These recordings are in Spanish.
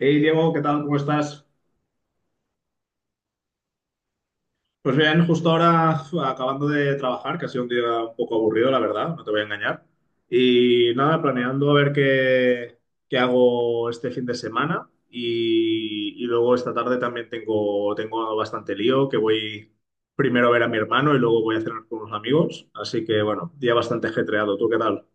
Hey Diego, ¿qué tal? ¿Cómo estás? Pues bien, justo ahora acabando de trabajar, que ha sido un día un poco aburrido, la verdad, no te voy a engañar. Y nada, planeando a ver qué hago este fin de semana. Y luego esta tarde también tengo bastante lío, que voy primero a ver a mi hermano y luego voy a cenar con unos amigos. Así que bueno, día bastante ajetreado. ¿Tú qué tal?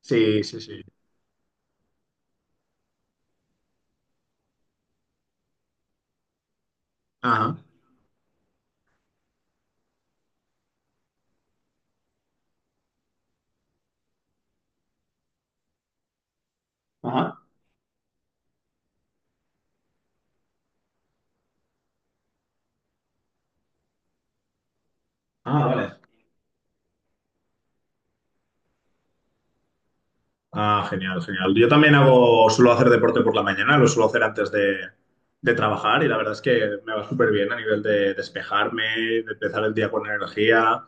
Sí, sí, sí. Ajá. Ajá. Ah, vale. Ah, genial, genial. Yo también hago, suelo hacer deporte por la mañana, lo suelo hacer antes de trabajar y la verdad es que me va súper bien a nivel de despejarme, de empezar el día con energía.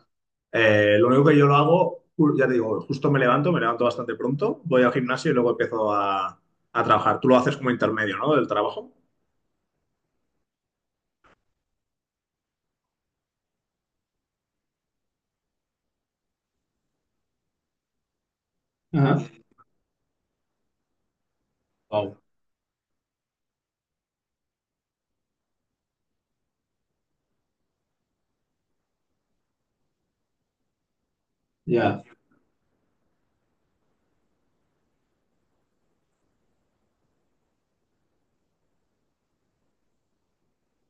Lo único que yo lo hago, ya te digo, justo me levanto bastante pronto, voy al gimnasio y luego empiezo a trabajar. Tú lo haces como intermedio, ¿no? Del trabajo. Ajá. Wow. Ya.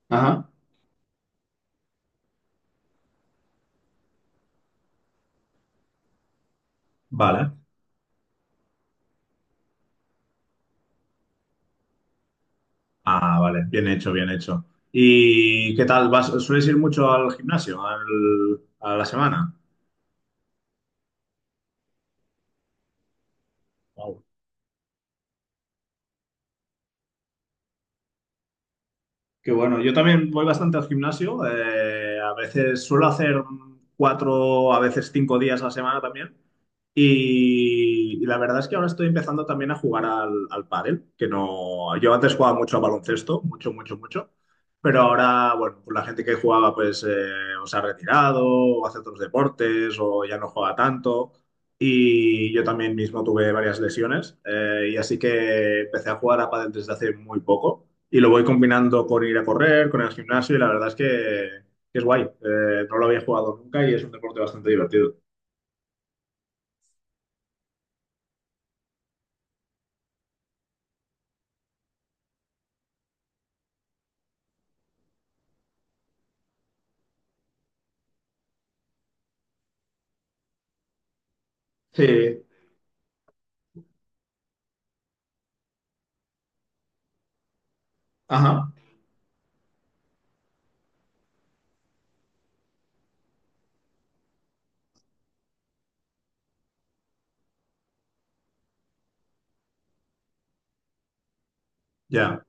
Ajá. Vale. Ah, vale. Bien hecho, bien hecho. ¿Y qué tal? ¿Vas, sueles ir mucho al gimnasio a la semana? Wow. Qué bueno. Yo también voy bastante al gimnasio. A veces suelo hacer cuatro, a veces 5 días a la semana también. Y la verdad es que ahora estoy empezando también a jugar al pádel, que no, yo antes jugaba mucho a baloncesto, mucho, mucho, mucho, pero ahora, bueno, pues la gente que jugaba pues o se ha retirado, o hace otros deportes, o ya no juega tanto, y yo también mismo tuve varias lesiones, y así que empecé a jugar a pádel desde hace muy poco y lo voy combinando con ir a correr, con el gimnasio y la verdad es que es guay. No lo había jugado nunca y es un deporte bastante divertido. Sí, ajá, ya,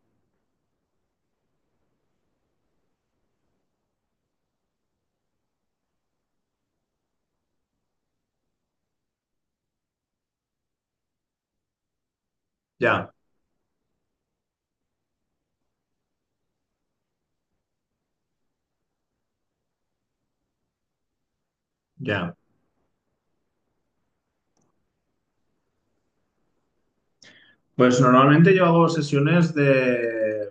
ya, ya. Pues normalmente yo hago sesiones de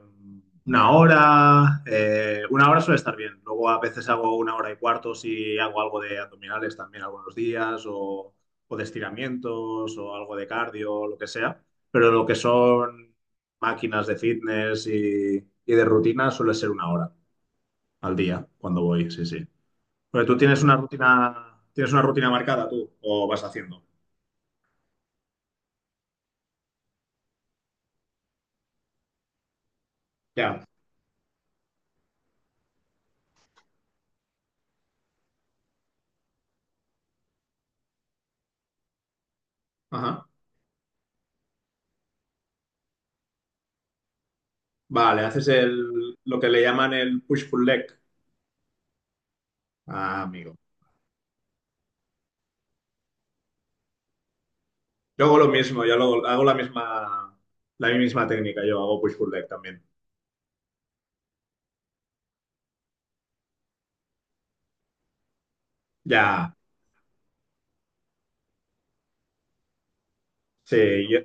una hora suele estar bien. Luego a veces hago una hora y cuarto si hago algo de abdominales también algunos días o de estiramientos o algo de cardio, lo que sea. Pero lo que son máquinas de fitness y de rutina suele ser una hora al día cuando voy, sí, sí. Porque tú tienes una rutina marcada tú o vas haciendo. Ya, ajá. Vale, haces el, lo que le llaman el push-pull leg. Ah, amigo. Yo hago lo mismo, yo hago la misma técnica, yo hago push pull leg también. Ya, sí,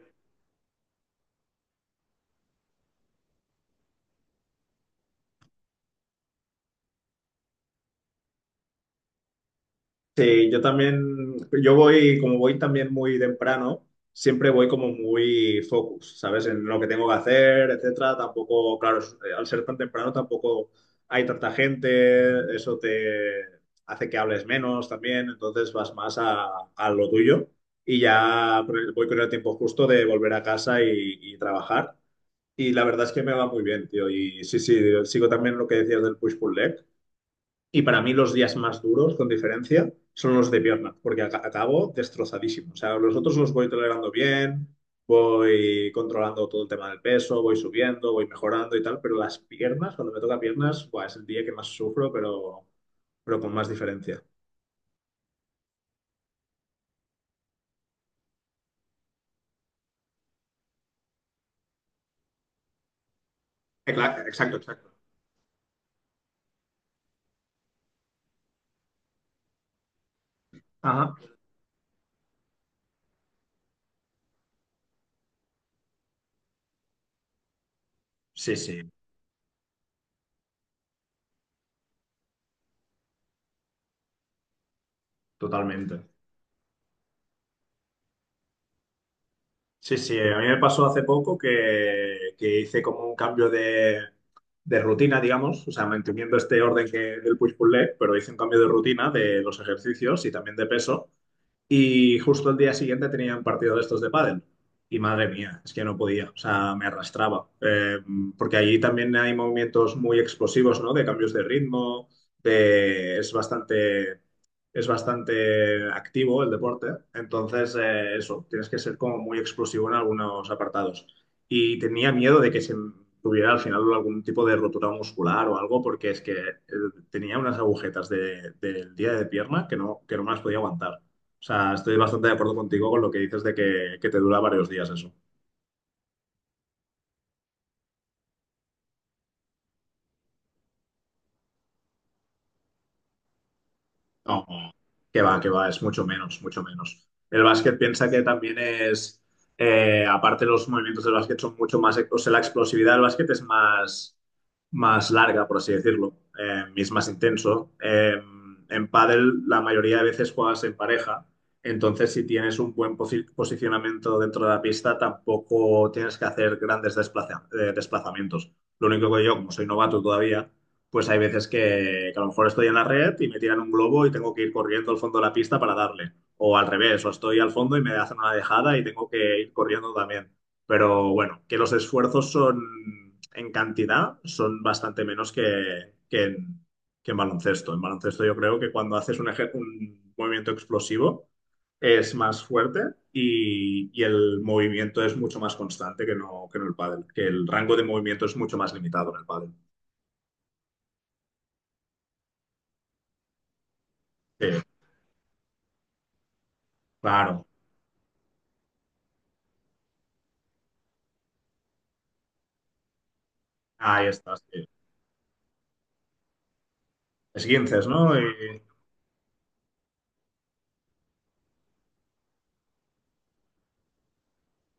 sí, yo también, yo voy, como voy también muy temprano, siempre voy como muy focus, ¿sabes? En lo que tengo que hacer, etcétera. Tampoco, claro, al ser tan temprano tampoco hay tanta gente, eso te hace que hables menos también, entonces vas más a lo tuyo y ya pues, voy con el tiempo justo de volver a casa y trabajar. Y la verdad es que me va muy bien, tío. Y sí, sí, sigo también lo que decías del push-pull leg. Y para mí los días más duros, con diferencia, son los de pierna, porque acabo destrozadísimo. O sea, los otros los voy tolerando bien, voy controlando todo el tema del peso, voy subiendo, voy mejorando y tal, pero las piernas, cuando me toca piernas, buah, es el día que más sufro, pero con más diferencia. Claro, exacto, exacto. Ajá. Sí, sí, totalmente. Sí, sí, a mí me pasó hace poco que hice como un cambio de rutina, digamos, o sea, manteniendo este orden que, del push-pull leg, pero hice un cambio de rutina de los ejercicios y también de peso. Y justo el día siguiente tenía un partido de estos de pádel. Y madre mía, es que no podía, o sea, me arrastraba. Porque allí también hay movimientos muy explosivos, ¿no? De cambios de ritmo, de... es bastante, es bastante activo el deporte. Entonces, eso, tienes que ser como muy explosivo en algunos apartados. Y tenía miedo de que se tuviera al final algún tipo de rotura muscular o algo, porque es que tenía unas agujetas del día de pierna que no me las podía aguantar. O sea, estoy bastante de acuerdo contigo con lo que dices de que te dura varios días eso. No, que va, es mucho menos, mucho menos. El básquet piensa que también es, aparte los movimientos del básquet son mucho más, o sea, la explosividad del básquet es más larga, por así decirlo, y es más intenso. En pádel la mayoría de veces juegas en pareja, entonces si tienes un buen posicionamiento dentro de la pista, tampoco tienes que hacer grandes desplazamientos. Lo único que yo, como soy novato todavía, pues hay veces que a lo mejor estoy en la red y me tiran un globo y tengo que ir corriendo al fondo de la pista para darle. O al revés, o estoy al fondo y me hacen una dejada y tengo que ir corriendo también. Pero bueno, que los esfuerzos son en cantidad, son bastante menos que en baloncesto. En baloncesto yo creo que cuando haces un movimiento explosivo es más fuerte y el movimiento es mucho más constante que no, que en el pádel, que el rango de movimiento es mucho más limitado en el pádel. Sí, claro, ahí estás, sí. Esguinces, ¿no? Y,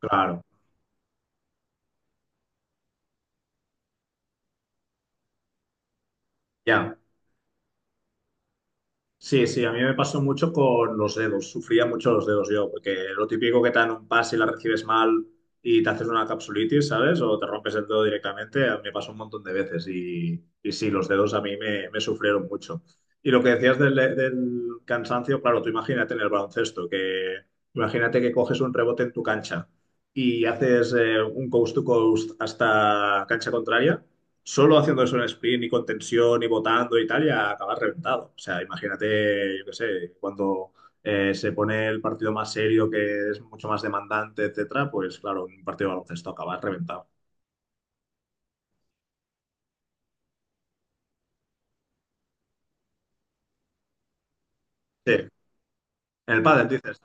claro, ya. Sí, sí, a mí me pasó mucho con los dedos. Sufría mucho los dedos yo, porque lo típico que te dan un pase y la recibes mal y te haces una capsulitis, ¿sabes? O te rompes el dedo directamente, a mí me pasó un montón de veces. Y sí, los dedos a mí me sufrieron mucho. Y lo que decías del cansancio, claro, tú imagínate en el baloncesto, que imagínate que coges un rebote en tu cancha y haces un coast to coast hasta cancha contraria. Solo haciendo eso en sprint y con tensión y botando y tal, ya acabas reventado. O sea, imagínate, yo qué sé, cuando se pone el partido más serio, que es mucho más demandante, etcétera, pues claro, un partido de baloncesto acabas reventado. Sí, en el pádel dices.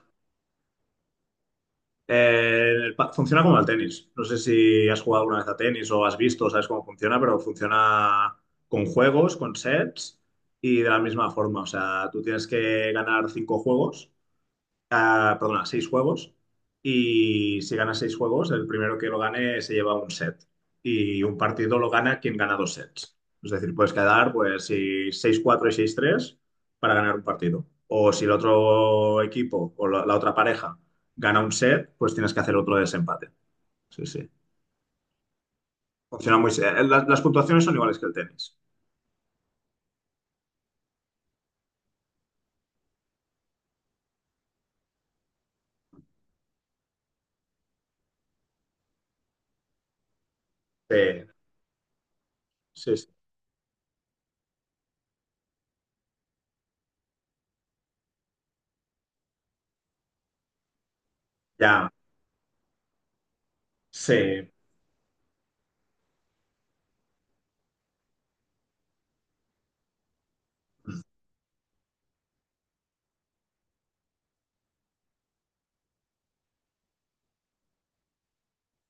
Funciona como el tenis. No sé si has jugado alguna vez a tenis o has visto, sabes cómo funciona, pero funciona con juegos, con sets y de la misma forma. O sea, tú tienes que ganar cinco juegos. Ah, perdona, seis juegos. Y si gana seis juegos, el primero que lo gane se lleva un set. Y un partido lo gana quien gana dos sets. Es decir, puedes quedar pues si 6-4 y 6-3 para ganar un partido. O si el otro equipo o la otra pareja gana un set, pues tienes que hacer otro desempate. Sí, sí. Las puntuaciones son iguales que el tenis. Sí, sí, sí. Ya, sí.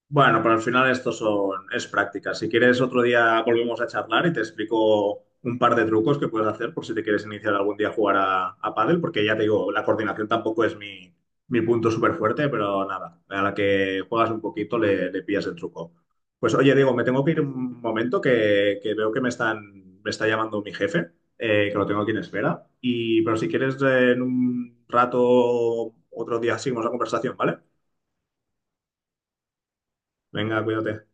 Bueno, pero al final esto es práctica. Si quieres, otro día volvemos a charlar y te explico un par de trucos que puedes hacer por si te quieres iniciar algún día a jugar a pádel, porque ya te digo, la coordinación tampoco es mi punto súper fuerte, pero nada, a la que juegas un poquito le pillas el truco. Pues oye, Diego, me tengo que ir un momento que veo que me está llamando mi jefe, que lo tengo aquí en espera. Pero si quieres, en un rato, otro día seguimos la conversación, ¿vale? Venga, cuídate.